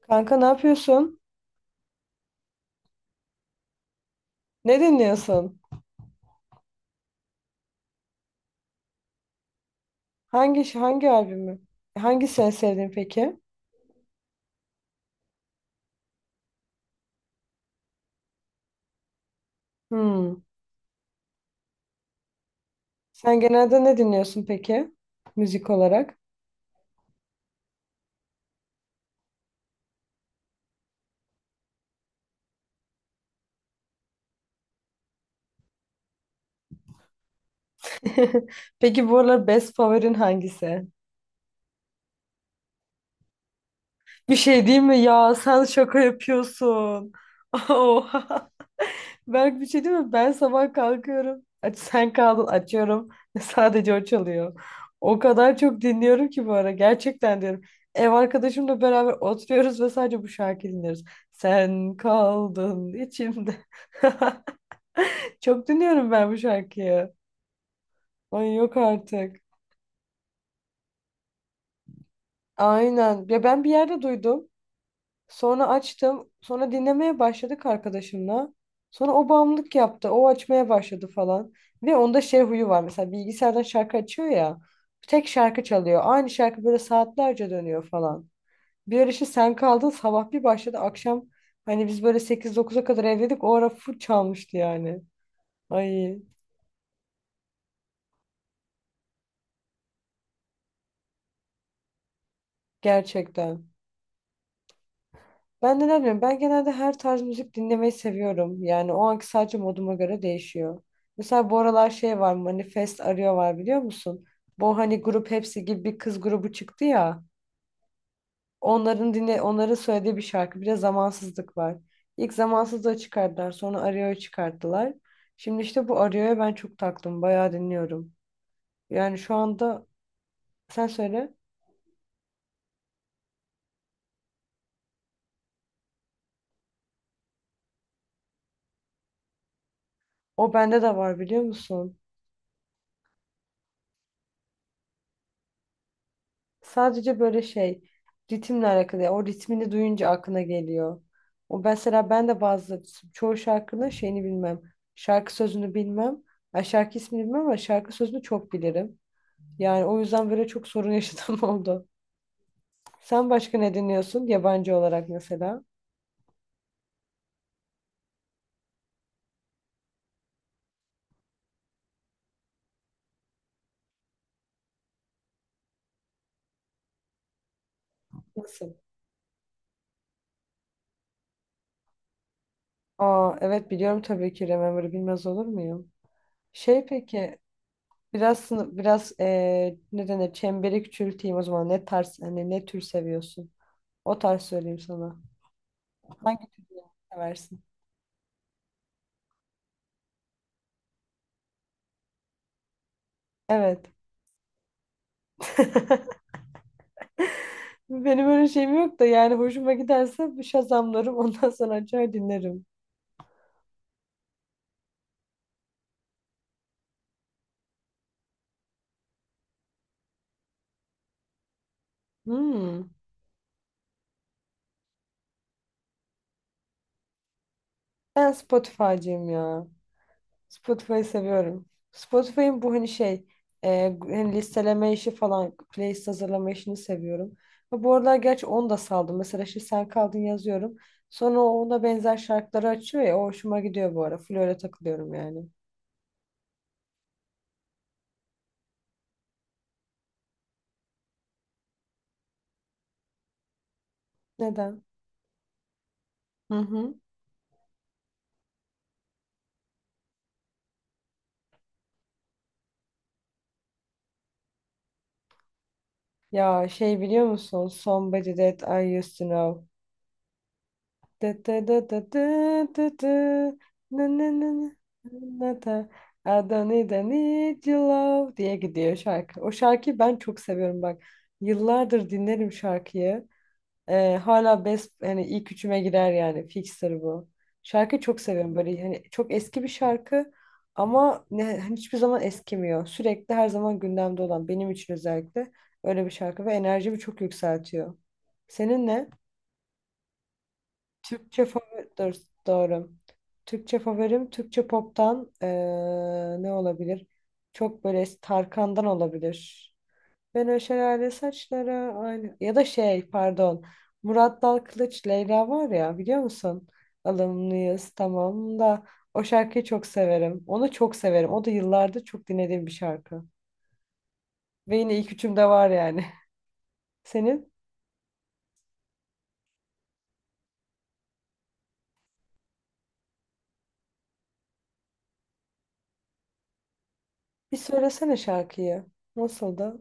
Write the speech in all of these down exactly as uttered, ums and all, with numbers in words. Kanka ne yapıyorsun? Ne dinliyorsun? Hangi hangi albümü? Hangisini sevdin peki? Hmm. Sen genelde ne dinliyorsun peki? Müzik olarak. Peki bu aralar best favorin hangisi? Bir şey değil mi ya? Sen şaka yapıyorsun. Oha. Berk bir şey değil mi? Ben sabah kalkıyorum. Aç, sen kaldın açıyorum. Sadece o çalıyor. O kadar çok dinliyorum ki bu ara. Gerçekten diyorum. Ev arkadaşımla beraber oturuyoruz ve sadece bu şarkıyı dinliyoruz. Sen kaldın içimde. Çok dinliyorum ben bu şarkıyı. Ay yok artık. Aynen. Ya ben bir yerde duydum. Sonra açtım. Sonra dinlemeye başladık arkadaşımla. Sonra o bağımlılık yaptı. O açmaya başladı falan. Ve onda şey huyu var. Mesela bilgisayardan şarkı açıyor ya. Tek şarkı çalıyor. Aynı şarkı böyle saatlerce dönüyor falan. Bir ara işte sen kaldın sabah bir başladı. Akşam hani biz böyle sekiz dokuza kadar evdeydik. O ara full çalmıştı yani. Ay gerçekten. Ben de ne bileyim ben genelde her tarz müzik dinlemeyi seviyorum. Yani o anki sadece moduma göre değişiyor. Mesela bu aralar şey var, Manifest Arıyor var biliyor musun? Bu hani grup hepsi gibi bir kız grubu çıktı ya. Onların dinle onların söylediği bir şarkı. Bir de zamansızlık var. İlk zamansızlığı çıkardılar sonra Arıyor'yu çıkarttılar. Şimdi işte bu Arıyor'ya ben çok taktım. Bayağı dinliyorum. Yani şu anda sen söyle. O bende de var biliyor musun? Sadece böyle şey, ritimle alakalı. Ya, o ritmini duyunca aklına geliyor. O mesela ben de bazı çoğu şarkının şeyini bilmem. Şarkı sözünü bilmem. Ay şarkı ismini bilmem ama şarkı sözünü çok bilirim. Yani o yüzden böyle çok sorun yaşadığım oldu. Sen başka ne dinliyorsun yabancı olarak mesela? Nasıl? Aa, evet biliyorum tabii ki Remember'ı bilmez olur muyum? Şey peki biraz sını- biraz eee ne denir, çemberi küçülteyim o zaman, ne tarz hani ne tür seviyorsun? O tarz söyleyeyim sana. Hangi tür seversin? Evet. Benim öyle şeyim yok da yani hoşuma giderse bir şazamlarım ondan sonra açar dinlerim. Hmm. Ben Spotify'cıyım ya. Spotify'ı seviyorum. Spotify'ın bu hani şey e, hani listeleme işi falan, playlist hazırlama işini seviyorum. Ve bu aralar gerçi onu da saldım. Mesela şimdi sen kaldın yazıyorum. Sonra o ona benzer şarkıları açıyor ya, o hoşuma gidiyor bu ara. Full öyle takılıyorum yani. Neden? Hı hı. Ya şey biliyor musun? Somebody That I Used To Know. Dı dı dı dı dı dı dı. Nı nı nı nı. Nı da. I don't need, I need your love diye gidiyor şarkı. O şarkıyı ben çok seviyorum bak. Yıllardır dinlerim şarkıyı. Ee, hala best, hani ilk üçüme girer yani. Fixer bu. Şarkıyı çok seviyorum, böyle hani çok eski bir şarkı ama ne, hani hiçbir zaman eskimiyor. Sürekli her zaman gündemde olan benim için, özellikle öyle bir şarkı ve enerjimi çok yükseltiyor. Senin ne? Türkçe favori, dur, doğru. Türkçe favorim Türkçe pop'tan eee, ne olabilir? Çok böyle Tarkan'dan olabilir. Ben o şelale saçlara aynı ya da şey pardon. Murat Dal Kılıç Leyla var ya biliyor musun? Alımlıyız tamam da, o şarkıyı çok severim. Onu çok severim. O da yıllardır çok dinlediğim bir şarkı. Ve yine ilk üçümde var yani. Senin bir söylesene şarkıyı. Nasıldı?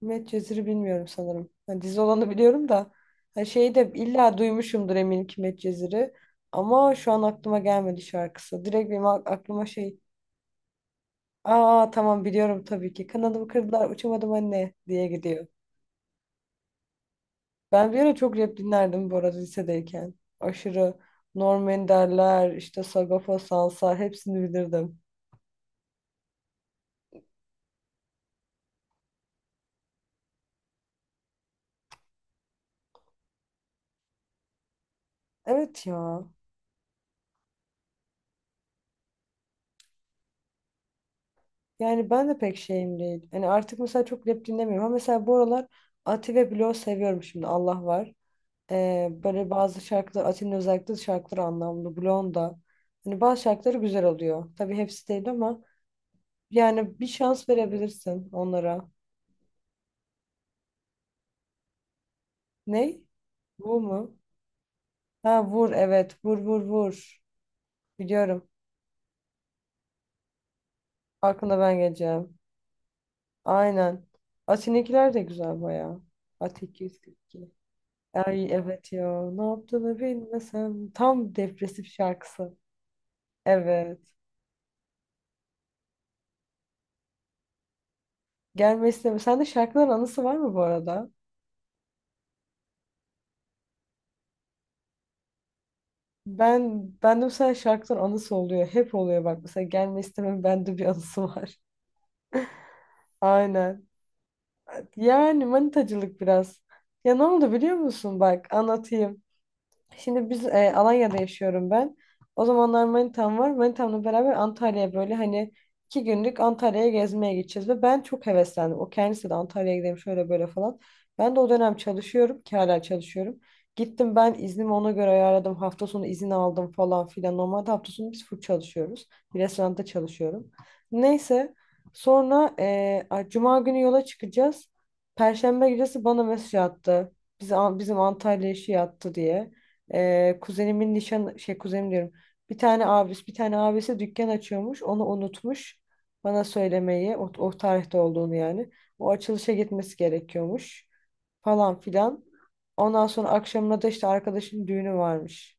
Met Cezir'i bilmiyorum sanırım. Hani dizi olanı biliyorum da hani şeyi de illa duymuşumdur eminim ki Medcezir'i. Ama şu an aklıma gelmedi şarkısı. Direkt benim ak- aklıma şey, aa tamam biliyorum tabii ki kanadımı kırdılar uçamadım anne diye gidiyor. Ben bir ara çok rap dinlerdim bu arada lisedeyken. Aşırı Norm Ender'ler işte Sagopa Sansa hepsini bilirdim. Evet ya. Yani ben de pek şeyim değil. Hani artık mesela çok rap dinlemiyorum ama mesela bu aralar Ati ve Blok seviyorum şimdi Allah var. Ee, böyle bazı şarkılar, Atin'in özellikle şarkıları anlamlı. Blonda. Hani bazı şarkıları güzel oluyor. Tabii hepsi değil ama yani bir şans verebilirsin onlara. Ne? Bu mu? Ha vur evet. Vur vur vur. Biliyorum. Aklına ben geleceğim. Aynen. Atin'inkiler de güzel bayağı. Ati iki yüz kırk iki. Ay evet ya. Ne yaptığını bilmesem. Tam depresif şarkısı. Evet. Gelme isteme. Sende şarkıların anısı var mı bu arada? Ben ben de mesela şarkıların anısı oluyor. Hep oluyor bak. Mesela gelme istemem bende bir anısı var. Aynen. Yani manitacılık biraz. Ya ne oldu biliyor musun? Bak anlatayım. Şimdi biz e, Alanya'da yaşıyorum ben. O zamanlar manitam var. Manitamla beraber Antalya'ya böyle hani iki günlük Antalya'ya gezmeye gideceğiz. Ve ben çok heveslendim. O kendisi de Antalya'ya gidelim şöyle böyle falan. Ben de o dönem çalışıyorum ki hala çalışıyorum. Gittim ben iznimi ona göre ayarladım. Hafta sonu izin aldım falan filan. Normalde hafta sonu biz full çalışıyoruz. Bir restoranda çalışıyorum. Neyse, sonra e, a- Cuma günü yola çıkacağız. Perşembe gecesi bana mesaj attı. Bizi, bizim Antalya işi yattı diye. Ee, kuzenimin nişan şey, kuzenim diyorum. Bir tane abisi, bir tane abisi dükkan açıyormuş. Onu unutmuş. Bana söylemeyi, o, o tarihte olduğunu yani. O açılışa gitmesi gerekiyormuş falan filan. Ondan sonra akşamına da işte arkadaşın düğünü varmış.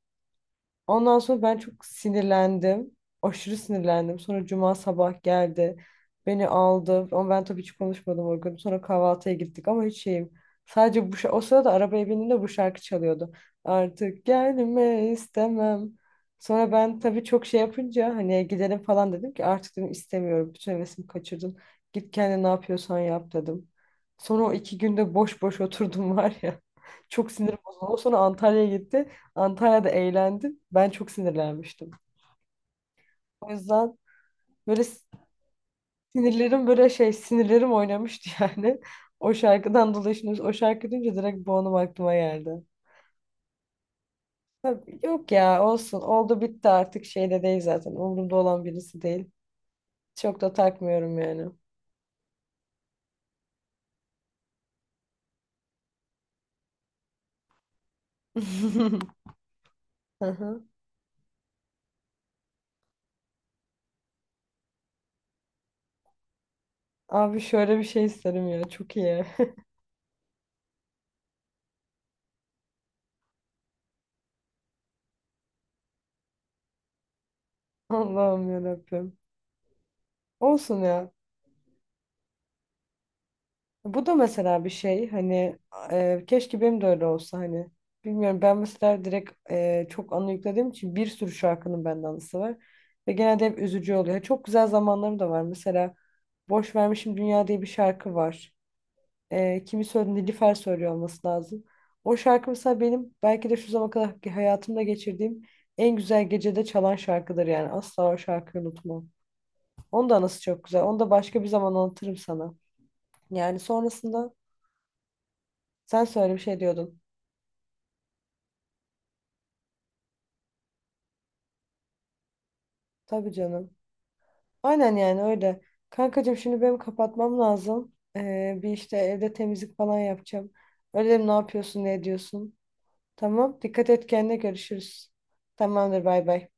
Ondan sonra ben çok sinirlendim. Aşırı sinirlendim. Sonra cuma sabah geldi. Beni aldı. Ama ben tabii hiç konuşmadım o gün. Sonra kahvaltıya gittik ama hiç şeyim. Sadece bu şa- o sırada arabaya bindiğimde bu şarkı çalıyordu. Artık gelme istemem. Sonra ben tabii çok şey yapınca hani gidelim falan dedim ki artık dedim istemiyorum. Bütün hevesimi kaçırdın. Git kendine ne yapıyorsan yap dedim. Sonra o iki günde boş boş oturdum var ya. Çok sinir bozuldu. Sonra Antalya'ya gitti. Antalya'da eğlendim. Ben çok sinirlenmiştim. O yüzden böyle sinirlerim, böyle şey sinirlerim oynamıştı yani. O şarkıdan dolayı şimdi o şarkı duyunca direkt bu anım aklıma geldi. Tabii, yok ya olsun, oldu bitti artık, şeyde değil, zaten umurumda olan birisi değil. Çok da takmıyorum yani. Aha. Abi şöyle bir şey isterim ya, çok iyi. Allah'ım yarabbim. Olsun ya. Bu da mesela bir şey hani, e, keşke benim de öyle olsa hani. Bilmiyorum, ben mesela direkt e, çok anı yüklediğim için bir sürü şarkının bende anısı var. Ve genelde hep üzücü oluyor. Çok güzel zamanlarım da var. Mesela Boş Vermişim Dünya diye bir şarkı var. E, kimi söyledi? Nilüfer söylüyor olması lazım. O şarkı mesela benim belki de şu zamana kadar ki hayatımda geçirdiğim en güzel gecede çalan şarkıdır yani. Asla o şarkıyı unutmam. Onun da anısı çok güzel. Onu da başka bir zaman anlatırım sana. Yani sonrasında, sen söyle bir şey diyordun. Tabii canım. Aynen yani öyle. Kankacığım şimdi benim kapatmam lazım. Ee, bir işte evde temizlik falan yapacağım. Öyle dedim, ne yapıyorsun ne ediyorsun. Tamam. Dikkat et kendine, görüşürüz. Tamamdır, bay bay.